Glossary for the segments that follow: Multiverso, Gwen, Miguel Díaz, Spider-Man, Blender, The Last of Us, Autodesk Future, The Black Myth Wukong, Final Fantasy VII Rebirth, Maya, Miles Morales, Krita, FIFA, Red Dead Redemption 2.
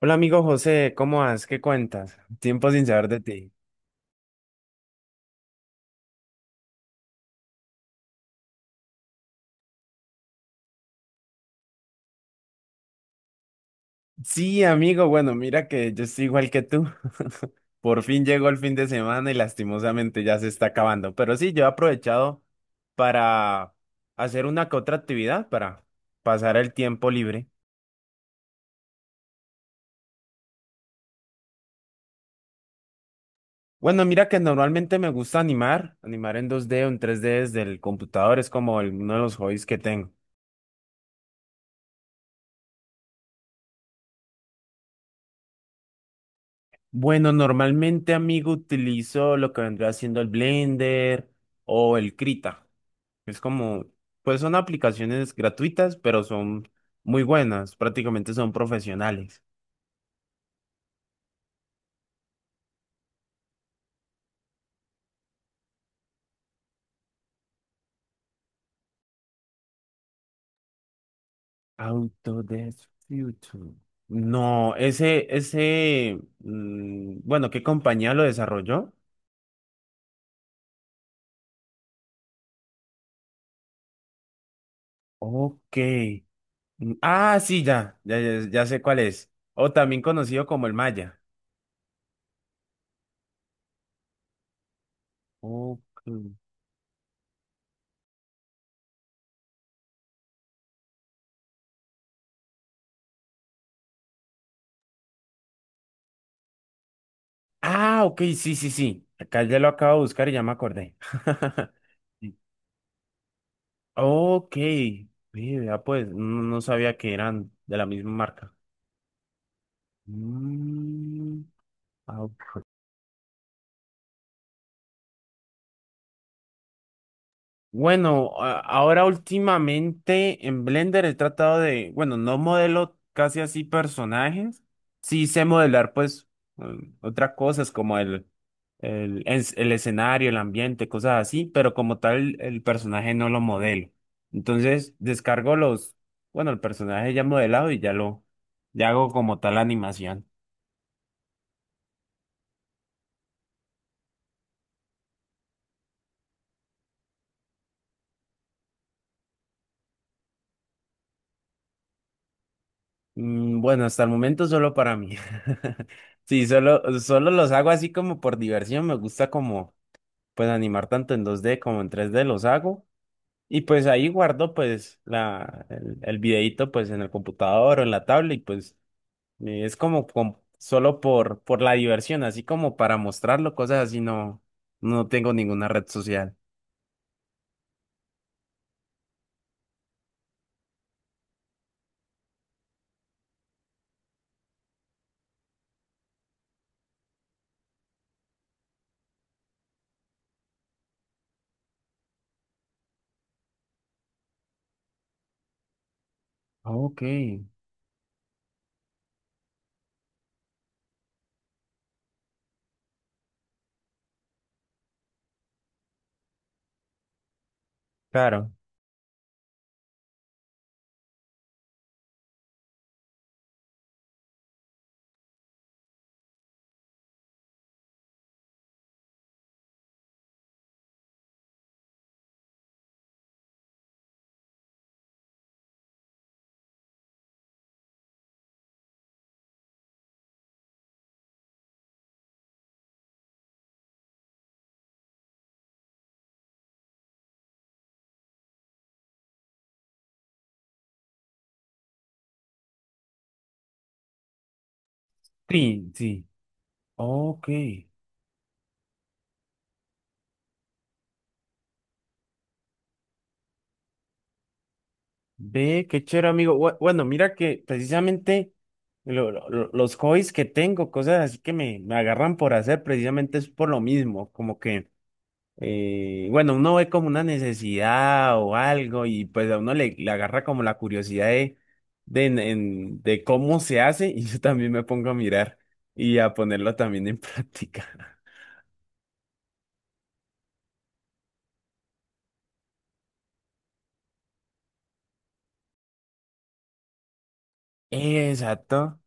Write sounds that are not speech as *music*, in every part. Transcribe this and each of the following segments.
Hola amigo José, ¿cómo vas? ¿Qué cuentas? Tiempo sin saber de ti. Sí, amigo, bueno, mira que yo estoy igual que tú. *laughs* Por fin llegó el fin de semana y lastimosamente ya se está acabando. Pero sí, yo he aprovechado para hacer una que otra actividad para pasar el tiempo libre. Bueno, mira que normalmente me gusta animar en 2D o en 3D desde el computador, es como uno de los hobbies que tengo. Bueno, normalmente, amigo, utilizo lo que vendría siendo el Blender o el Krita. Es como, pues son aplicaciones gratuitas, pero son muy buenas, prácticamente son profesionales. Autodesk Future. No, bueno, ¿qué compañía lo desarrolló? Ok. Mm, ah, sí, ya, ya, ya, ya sé cuál es. O también conocido como el Maya. Ok. Ah, ok, sí, sí, sí. Acá ya lo acabo de buscar y ya me acordé. *laughs* Ok, vea pues, no, no sabía que eran de la misma marca. Mm, ah, ok. Bueno, ahora últimamente en Blender he tratado de, bueno, no modelo casi así personajes, sí sé modelar pues otras cosas como el escenario, el ambiente, cosas así, pero como tal el personaje no lo modelo. Entonces descargo bueno, el personaje ya modelado y ya hago como tal la animación. Bueno, hasta el momento solo para mí. *laughs* Sí, solo los hago así como por diversión. Me gusta como pues animar tanto en 2D como en 3D los hago. Y pues ahí guardo pues la, el videíto pues en el computador o en la tablet y pues es como solo por la diversión, así como para mostrarlo, cosas así no, no tengo ninguna red social. Ok, claro. Sí, sí. Ok, ve, qué chévere, amigo. Bue- Bueno, mira que precisamente los hobbies que tengo, cosas así que me agarran por hacer, precisamente es por lo mismo, como que, bueno, uno ve como una necesidad o algo y pues a uno le agarra como la curiosidad de cómo se hace y *laughs* yo también me pongo a mirar y a ponerlo también en práctica. *laughs* Exacto,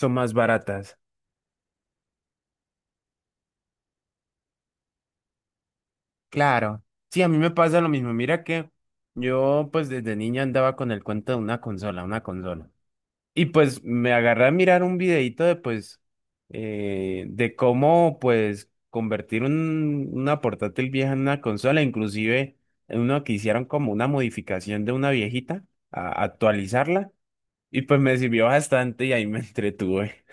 son más baratas. Claro, sí, a mí me pasa lo mismo. Mira que yo pues desde niña andaba con el cuento de una consola, una consola. Y pues me agarré a mirar un videito de pues de cómo pues convertir una portátil vieja en una consola, inclusive en uno que hicieron como una modificación de una viejita, a actualizarla. Y pues me sirvió bastante y ahí me *laughs* entretuve.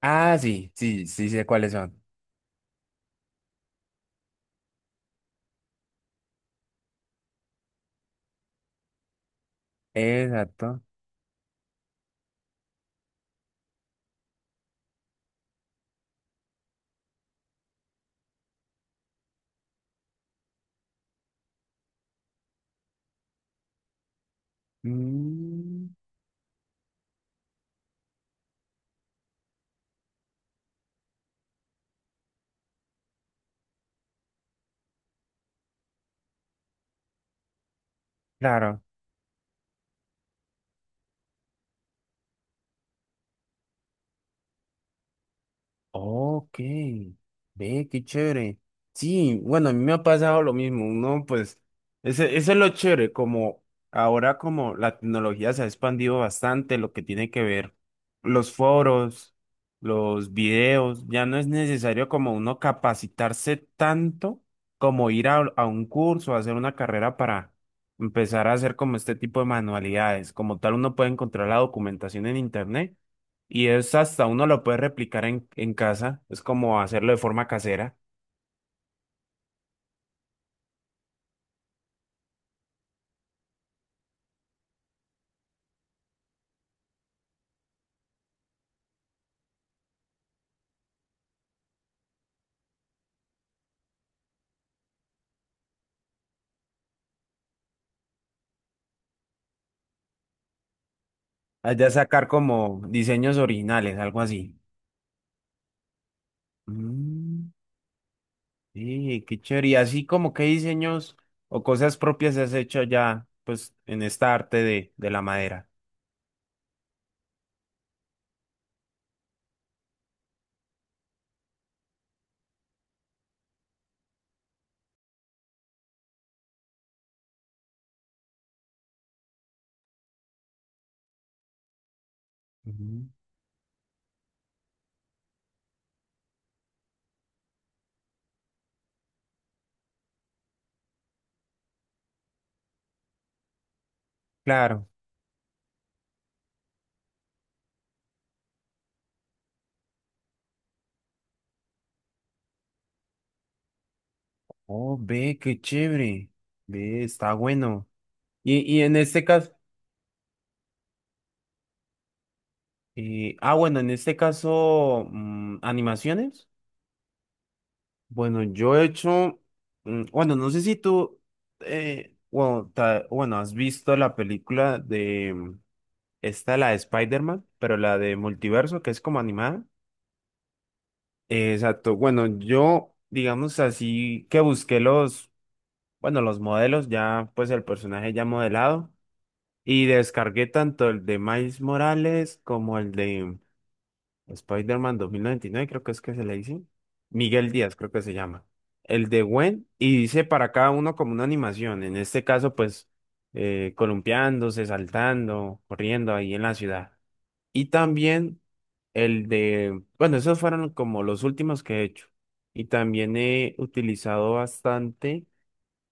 Ah, sí, sí, sí sé cuáles son. Exacto. Mm, claro. Ok, ve, qué chévere. Sí, bueno, a mí me ha pasado lo mismo, ¿no? Pues ese es lo chévere, como ahora como la tecnología se ha expandido bastante, lo que tiene que ver los foros, los videos, ya no es necesario como uno capacitarse tanto como ir a un curso, hacer una carrera para empezar a hacer como este tipo de manualidades. Como tal, uno puede encontrar la documentación en internet y es hasta uno lo puede replicar en casa, es como hacerlo de forma casera. Allá sacar como diseños originales, algo así. Mm, sí, qué chévere. Y así como qué diseños o cosas propias has hecho ya, pues, en esta arte de la madera. Ujú. Claro. Oh, ve, qué chévere. Ve, está bueno. Y en este caso, ah, bueno, en este caso, animaciones. Bueno, yo he hecho, bueno, no sé si tú, bueno, bueno, has visto la película de, esta, la de Spider-Man, pero la de Multiverso, que es como animada. Exacto, bueno, yo, digamos así, que busqué los, bueno, los modelos, ya, pues el personaje ya modelado, y descargué tanto el de Miles Morales como el de Spider-Man 2099 creo que es que se le dice. Miguel Díaz, creo que se llama. El de Gwen, y dice para cada uno como una animación. En este caso, pues, columpiándose, saltando, corriendo ahí en la ciudad. Y también el de, bueno, esos fueron como los últimos que he hecho. Y también he utilizado bastante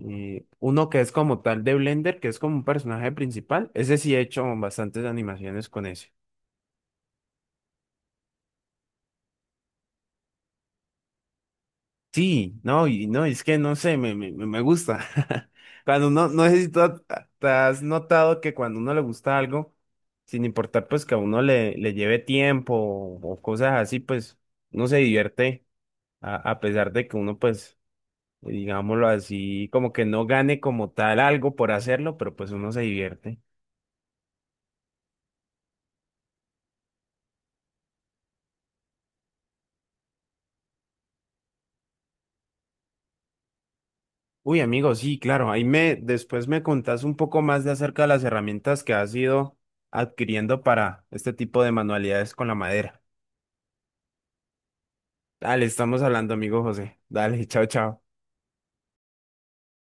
uno que es como tal de Blender, que es como un personaje principal. Ese sí he hecho bastantes animaciones con ese. Sí, no, y no, es que no sé, me gusta. *laughs* Cuando uno, no sé si tú ha- te has notado que cuando uno le gusta algo, sin importar pues que a uno le lleve tiempo o cosas así, pues uno se divierte a pesar de que uno pues, digámoslo así, como que no gane como tal algo por hacerlo, pero pues uno se divierte. Uy, amigo, sí, claro, después me contás un poco más de acerca de las herramientas que has ido adquiriendo para este tipo de manualidades con la madera. Dale, estamos hablando, amigo José. Dale, *laughs* chao, chao.